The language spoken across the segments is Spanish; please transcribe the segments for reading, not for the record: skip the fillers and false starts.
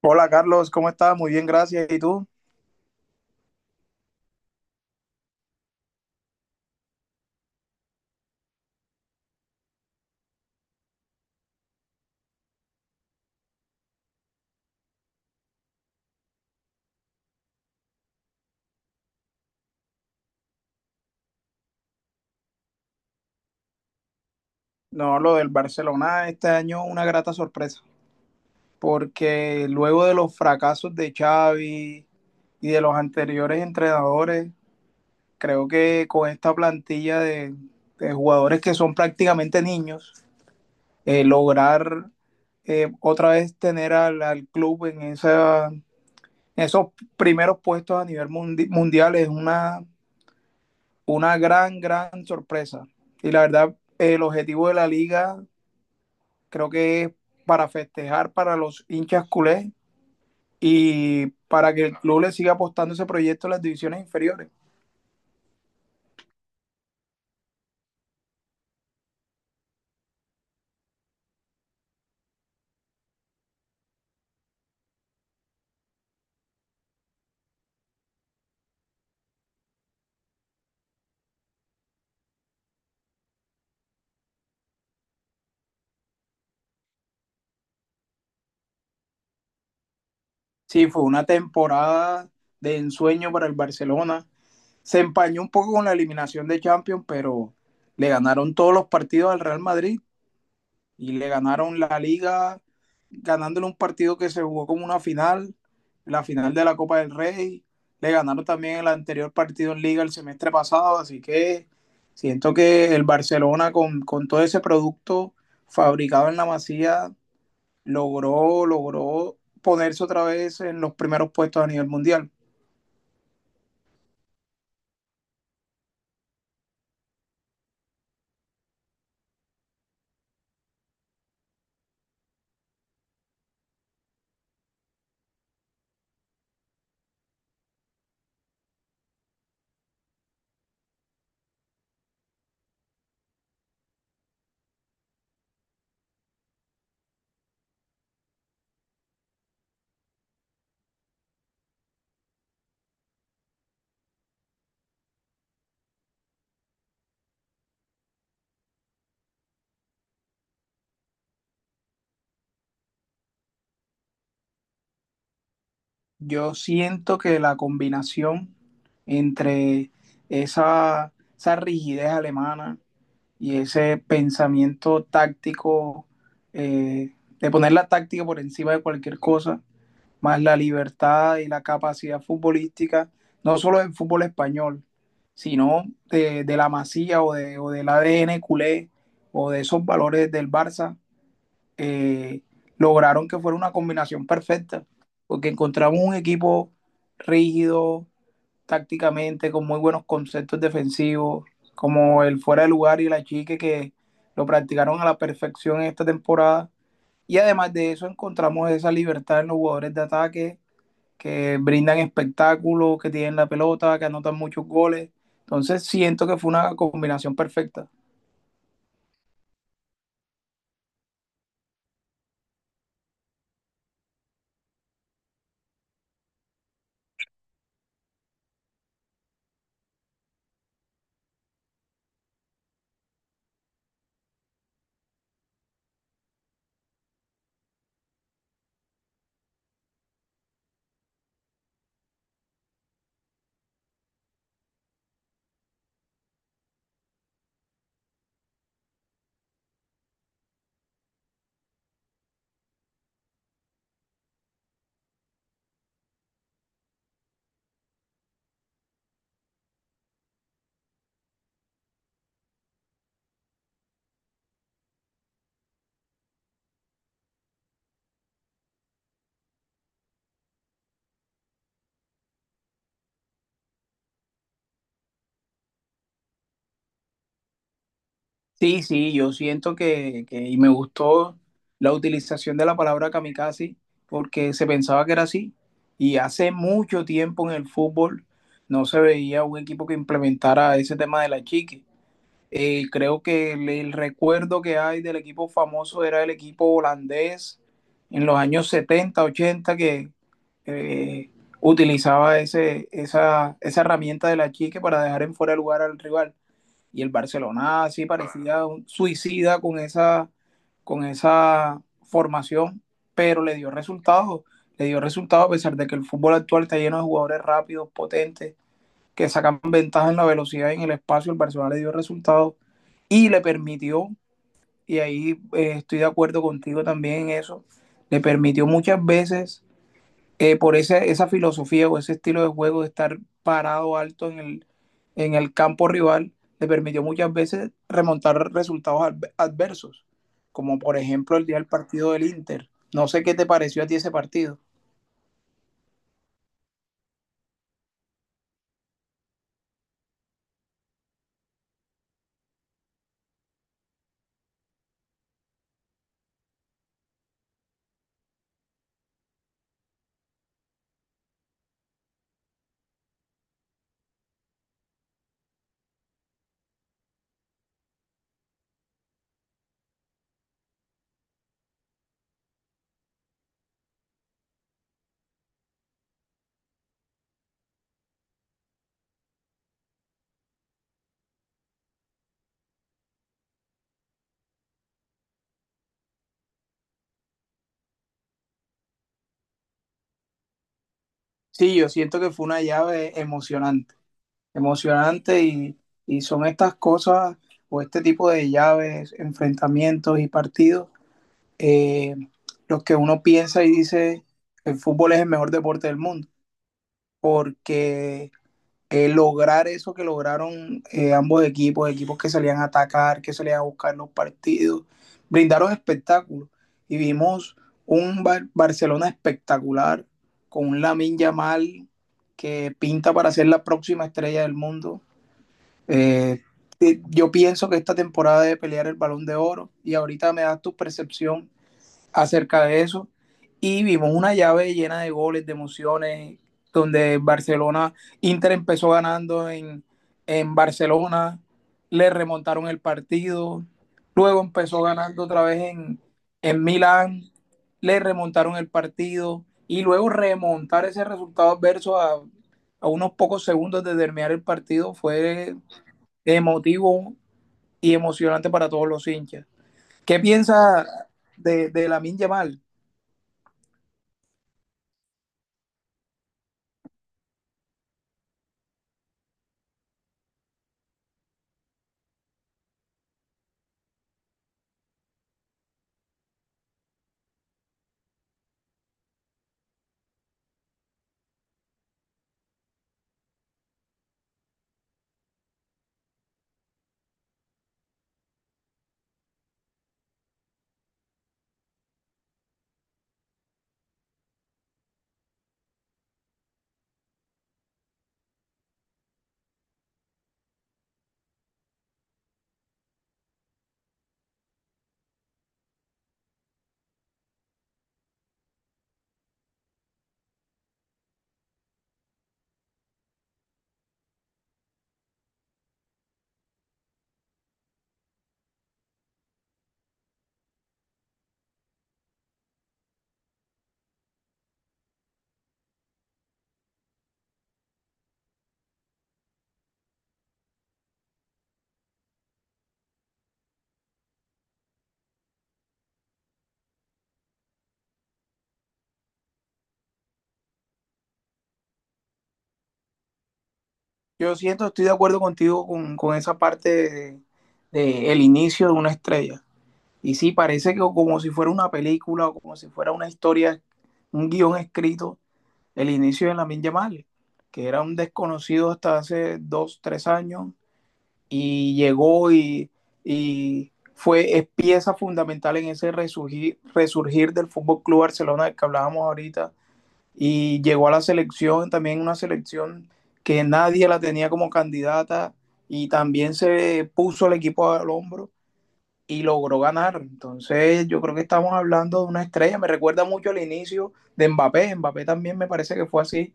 Hola Carlos, ¿cómo estás? Muy bien, gracias. ¿Y tú? No, lo del Barcelona este año una grata sorpresa, porque luego de los fracasos de Xavi y de los anteriores entrenadores, creo que con esta plantilla de jugadores que son prácticamente niños, lograr, otra vez tener al club en esos primeros puestos a nivel mundial es una, una gran sorpresa. Y la verdad, el objetivo de la liga creo que es para festejar para los hinchas culés y para que el club le siga apostando ese proyecto en las divisiones inferiores. Sí, fue una temporada de ensueño para el Barcelona. Se empañó un poco con la eliminación de Champions, pero le ganaron todos los partidos al Real Madrid y le ganaron la Liga, ganándole un partido que se jugó como una final, la final de la Copa del Rey. Le ganaron también el anterior partido en Liga el semestre pasado, así que siento que el Barcelona con todo ese producto fabricado en la Masía logró ponerse otra vez en los primeros puestos a nivel mundial. Yo siento que la combinación entre esa rigidez alemana y ese pensamiento táctico, eh, de poner la táctica por encima de cualquier cosa, más la libertad y la capacidad futbolística, no solo del fútbol español, sino de la masía o del ADN culé o de esos valores del Barça, eh, lograron que fuera una combinación perfecta, porque encontramos un equipo rígido tácticamente, con muy buenos conceptos defensivos, como el fuera de lugar y la chique, que lo practicaron a la perfección en esta temporada. Y además de eso encontramos esa libertad en los jugadores de ataque, que brindan espectáculo, que tienen la pelota, que anotan muchos goles. Entonces siento que fue una combinación perfecta. Sí, sí, yo siento y me gustó la utilización de la palabra kamikaze, porque se pensaba que era así y hace mucho tiempo en el fútbol no se veía un equipo que implementara ese tema de la chique. Creo que el recuerdo que hay del equipo famoso era el equipo holandés en los años 70 ochenta, que eh, utilizaba esa herramienta de la chique para dejar en fuera de lugar al rival, y el Barcelona sí parecía un suicida con esa formación, pero le dio resultados, le dio resultados. A pesar de que el fútbol actual está lleno de jugadores rápidos, potentes, que sacan ventaja en la velocidad y en el espacio, el Barcelona le dio resultados y le permitió, y ahí, estoy de acuerdo contigo también en eso, le permitió muchas veces, por esa filosofía o ese estilo de juego de estar parado alto en el campo rival, le permitió muchas veces remontar resultados adversos, como por ejemplo el día del partido del Inter. No sé qué te pareció a ti ese partido. Sí, yo siento que fue una llave emocionante, emocionante, y son estas cosas o este tipo de llaves, enfrentamientos y partidos, eh, los que uno piensa y dice, el fútbol es el mejor deporte del mundo, porque, lograr eso que lograron, ambos equipos, equipos que salían a atacar, que salían a buscar los partidos, brindaron espectáculos. Y vimos un Barcelona espectacular, con un Lamine Yamal que pinta para ser la próxima estrella del mundo. Eh, yo pienso que esta temporada debe pelear el balón de oro, y ahorita me das tu percepción acerca de eso. Y vimos una llave llena de goles, de emociones, donde Barcelona, Inter empezó ganando en Barcelona, le remontaron el partido, luego empezó ganando otra vez en Milán, le remontaron el partido, y luego remontar ese resultado adverso a unos pocos segundos de terminar el partido fue emotivo y emocionante para todos los hinchas. ¿Qué piensa de Lamin Yamal? Yo siento, estoy de acuerdo contigo con esa parte de el inicio de una estrella. Y sí, parece que como si fuera una película o como si fuera una historia, un guión escrito, el inicio de Lamin Yamal, que era un desconocido hasta hace dos, tres años, y llegó y fue, es pieza fundamental en ese resurgir del Fútbol Club Barcelona del que hablábamos ahorita, y llegó a la selección, también una selección que nadie la tenía como candidata, y también se puso el equipo al hombro y logró ganar. Entonces yo creo que estamos hablando de una estrella. Me recuerda mucho al inicio de Mbappé. Mbappé también me parece que fue así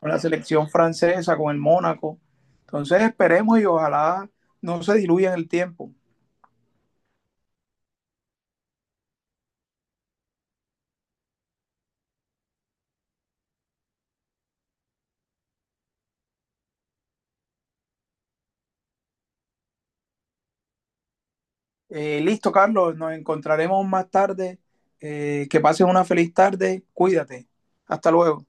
con la selección francesa, con el Mónaco. Entonces esperemos y ojalá no se diluya en el tiempo. Listo, Carlos, nos encontraremos más tarde. Que pases una feliz tarde. Cuídate. Hasta luego.